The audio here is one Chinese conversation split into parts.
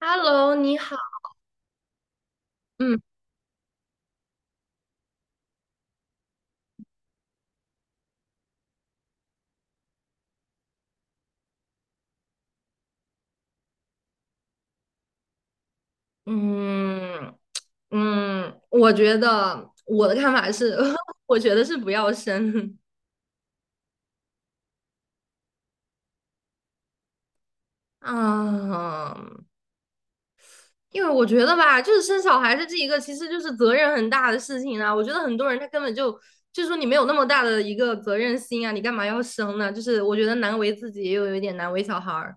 Hello，你好。嗯嗯嗯，我觉得我的看法是，我觉得是不要生。嗯，因为我觉得吧，就是生小孩子这是一个，其实就是责任很大的事情啊。我觉得很多人他根本就就是说你没有那么大的一个责任心啊，你干嘛要生呢？就是我觉得难为自己，又有一点难为小孩儿。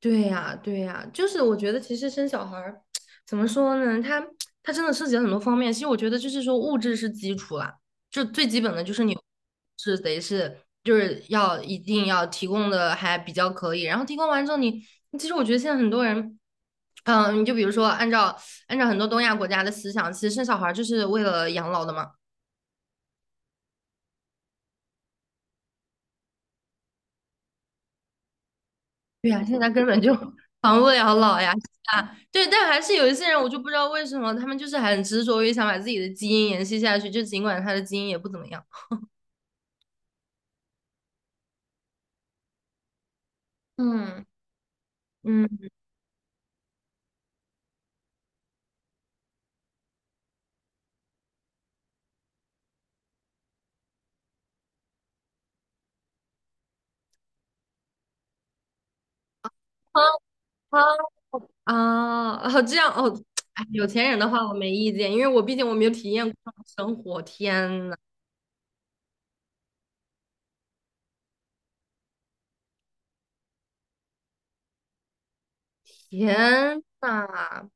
对呀，对呀，就是我觉得其实生小孩儿 怎么说呢？他真的涉及了很多方面。其实我觉得就是说物质是基础啦，就最基本的就是你是得是就是要一定要提供的还比较可以。然后提供完之后你，其实我觉得现在很多人，嗯，你就比如说按照很多东亚国家的思想，其实生小孩儿就是为了养老的嘛。对呀，现在根本就 防不了老呀，是啊，对，但还是有一些人，我就不知道为什么他们就是很执着于想把自己的基因延续下去，就尽管他的基因也不怎么样。嗯，嗯，啊啊啊！哦这样哦，哎，有钱人的话我没意见，因为我毕竟我没有体验过那种生活。天呐，天呐，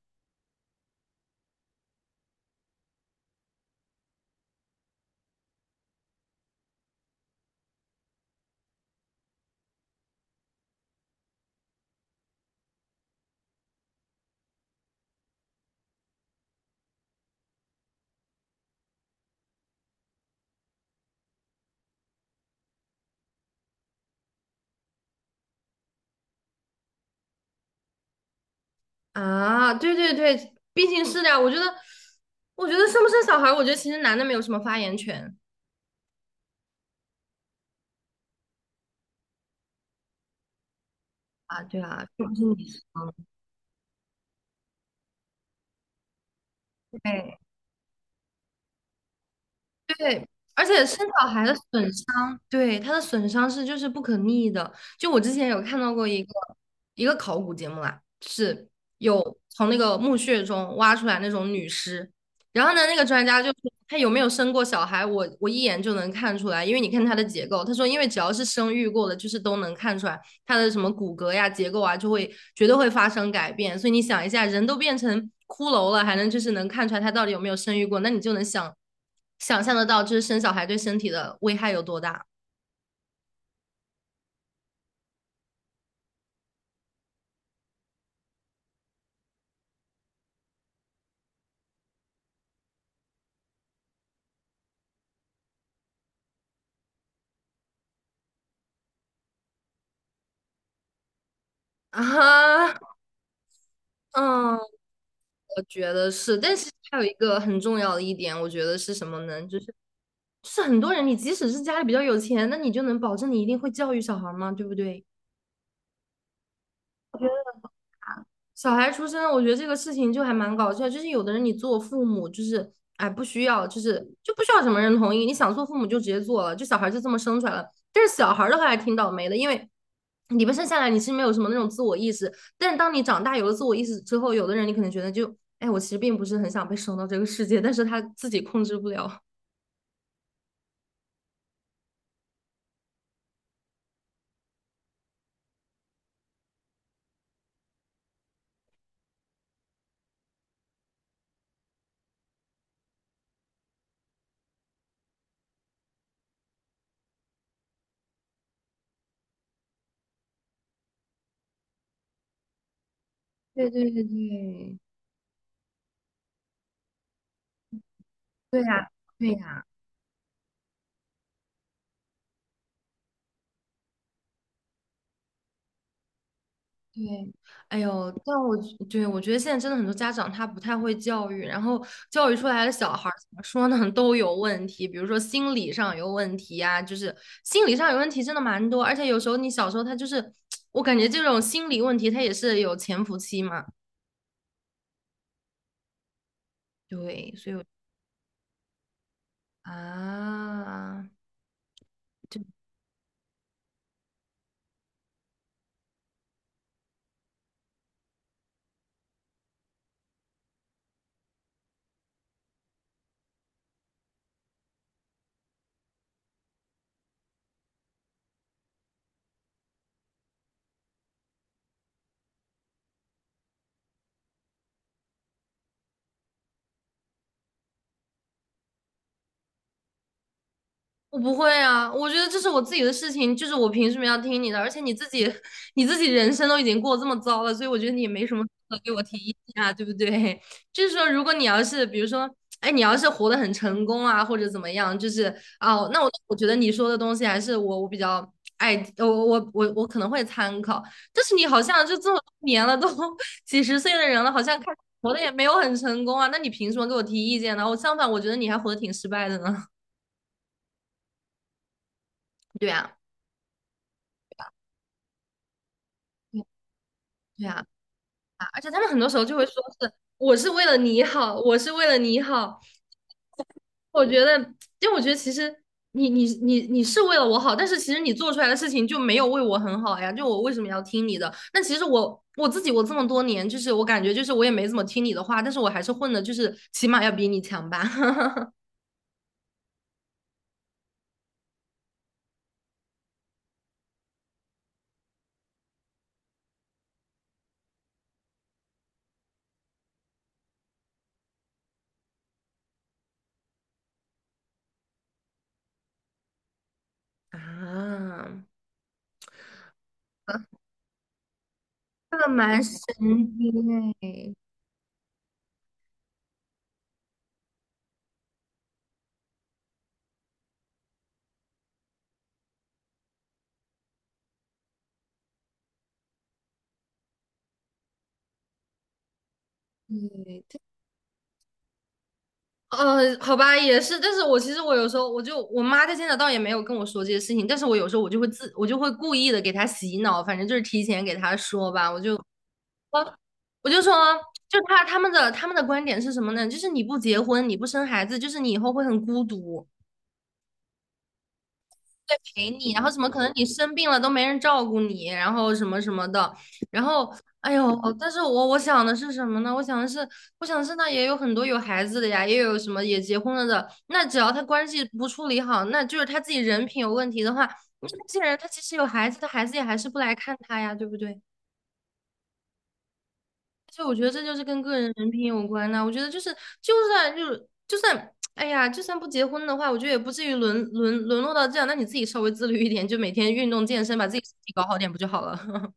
啊，对对对，毕竟是的呀。我觉得，我觉得生不生小孩，我觉得其实男的没有什么发言权啊。对啊，又不是你生。对。对，而且生小孩的损伤，对，它的损伤是就是不可逆的。就我之前有看到过一个考古节目啦，是有从那个墓穴中挖出来那种女尸，然后呢，那个专家就说她有没有生过小孩，我一眼就能看出来，因为你看她的结构，他说因为只要是生育过的，就是都能看出来。它的什么骨骼呀、结构啊，就会绝对会发生改变。所以你想一下，人都变成骷髅了，还能就是能看出来他到底有没有生育过，那你就能想想象得到，就是生小孩对身体的危害有多大啊？嗯，我觉得是，但是还有一个很重要的一点，我觉得是什么呢？就是很多人，你即使是家里比较有钱，那你就能保证你一定会教育小孩吗？对不对？小孩出生，我觉得这个事情就还蛮搞笑。就是有的人你做父母，就是哎不需要，就是就不需要什么人同意，你想做父母就直接做了，就小孩就这么生出来了。但是小孩的话还挺倒霉的，因为你不生下来你是没有什么那种自我意识，但是当你长大有了自我意识之后，有的人你可能觉得就哎我其实并不是很想被生到这个世界，但是他自己控制不了。对对对对，对呀，对呀。对，哎呦，但我对我觉得现在真的很多家长他不太会教育，然后教育出来的小孩儿怎么说呢，都有问题，比如说心理上有问题呀、就是心理上有问题真的蛮多，而且有时候你小时候他就是，我感觉这种心理问题他也是有潜伏期嘛，对，所以我啊。我不会啊，我觉得这是我自己的事情，就是我凭什么要听你的？而且你自己，你自己人生都已经过这么糟了，所以我觉得你也没什么资格给我提意见啊，对不对？就是说，如果你要是，比如说，哎，你要是活得很成功啊，或者怎么样，就是哦，那我觉得你说的东西还是我比较爱，我可能会参考。但是你好像就这么多年了，都 几十岁的人了，好像看活的也没有很成功啊，那你凭什么给我提意见呢？我相反，我觉得你还活得挺失败的呢。对啊，对啊。啊，而且他们很多时候就会说是我是为了你好，我是为了你好。我觉得，因为我觉得其实你是为了我好，但是其实你做出来的事情就没有为我很好呀。就我为什么要听你的？但其实我我自己我这么多年，就是我感觉就是我也没怎么听你的话，但是我还是混的，就是起码要比你强吧。啊，这个蛮神经哎，对，好吧，也是，但是我其实我有时候我就我妈她现在倒也没有跟我说这些事情，但是我有时候我就会自我就会故意的给她洗脑，反正就是提前给她说吧，我就我我就说，就她他们的他们的观点是什么呢？就是你不结婚，你不生孩子，就是你以后会很孤独。对陪你，然后怎么可能你生病了都没人照顾你，然后什么什么的，然后哎呦，但是我我想的是什么呢？我想的是，我想的是那也有很多有孩子的呀，也有什么也结婚了的，那只要他关系不处理好，那就是他自己人品有问题的话，那这些人他其实有孩子，他孩子也还是不来看他呀，对不对？就我觉得这就是跟个人人品有关呐、我觉得就是，就算就是就算，哎呀，就算不结婚的话，我觉得也不至于沦落到这样。那你自己稍微自律一点，就每天运动健身，把自己身体搞好点不就好了？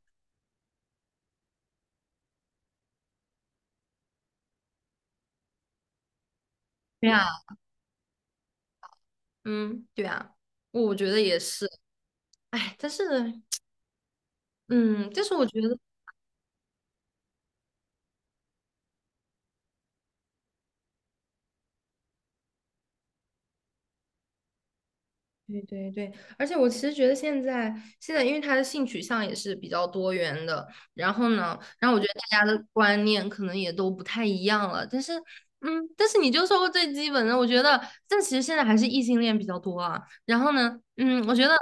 对呀，嗯，对呀，我觉得也是。哎，但是，嗯，但是我觉得。对对对，而且我其实觉得现在，因为他的性取向也是比较多元的，然后呢，然后我觉得大家的观念可能也都不太一样了，但是，嗯，但是你就说过最基本的，我觉得，但其实现在还是异性恋比较多啊。然后呢，嗯，我觉得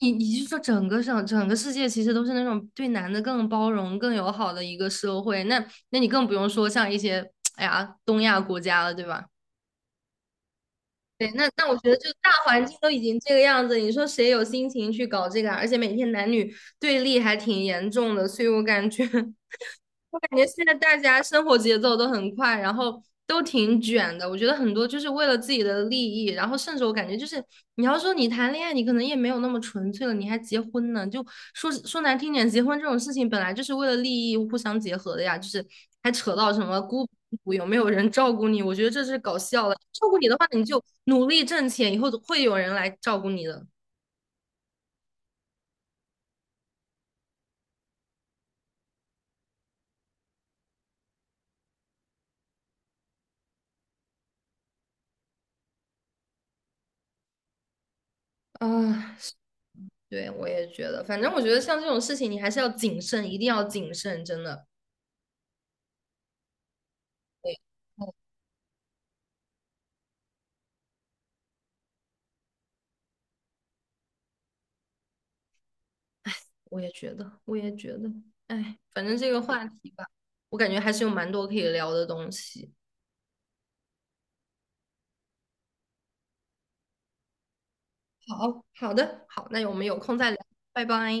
你你就说整个世界其实都是那种对男的更包容、更友好的一个社会，那那你更不用说像一些哎呀东亚国家了，对吧？对，那那我觉得就大环境都已经这个样子，你说谁有心情去搞这个啊而且每天男女对立还挺严重的，所以我感觉 我感觉现在大家生活节奏都很快，然后都挺卷的。我觉得很多就是为了自己的利益，然后甚至我感觉就是，你要说你谈恋爱，你可能也没有那么纯粹了，你还结婚呢？就说说难听点，结婚这种事情本来就是为了利益互相结合的呀，就是还扯到什么孤独有没有人照顾你？我觉得这是搞笑了。照顾你的话，你就努力挣钱，以后会有人来照顾你的。啊，对，我也觉得，反正我觉得像这种事情，你还是要谨慎，一定要谨慎，真的。对，哦，我也觉得，我也觉得，哎，反正这个话题吧，我感觉还是有蛮多可以聊的东西。好，好的，好，那我们有空再聊，拜拜。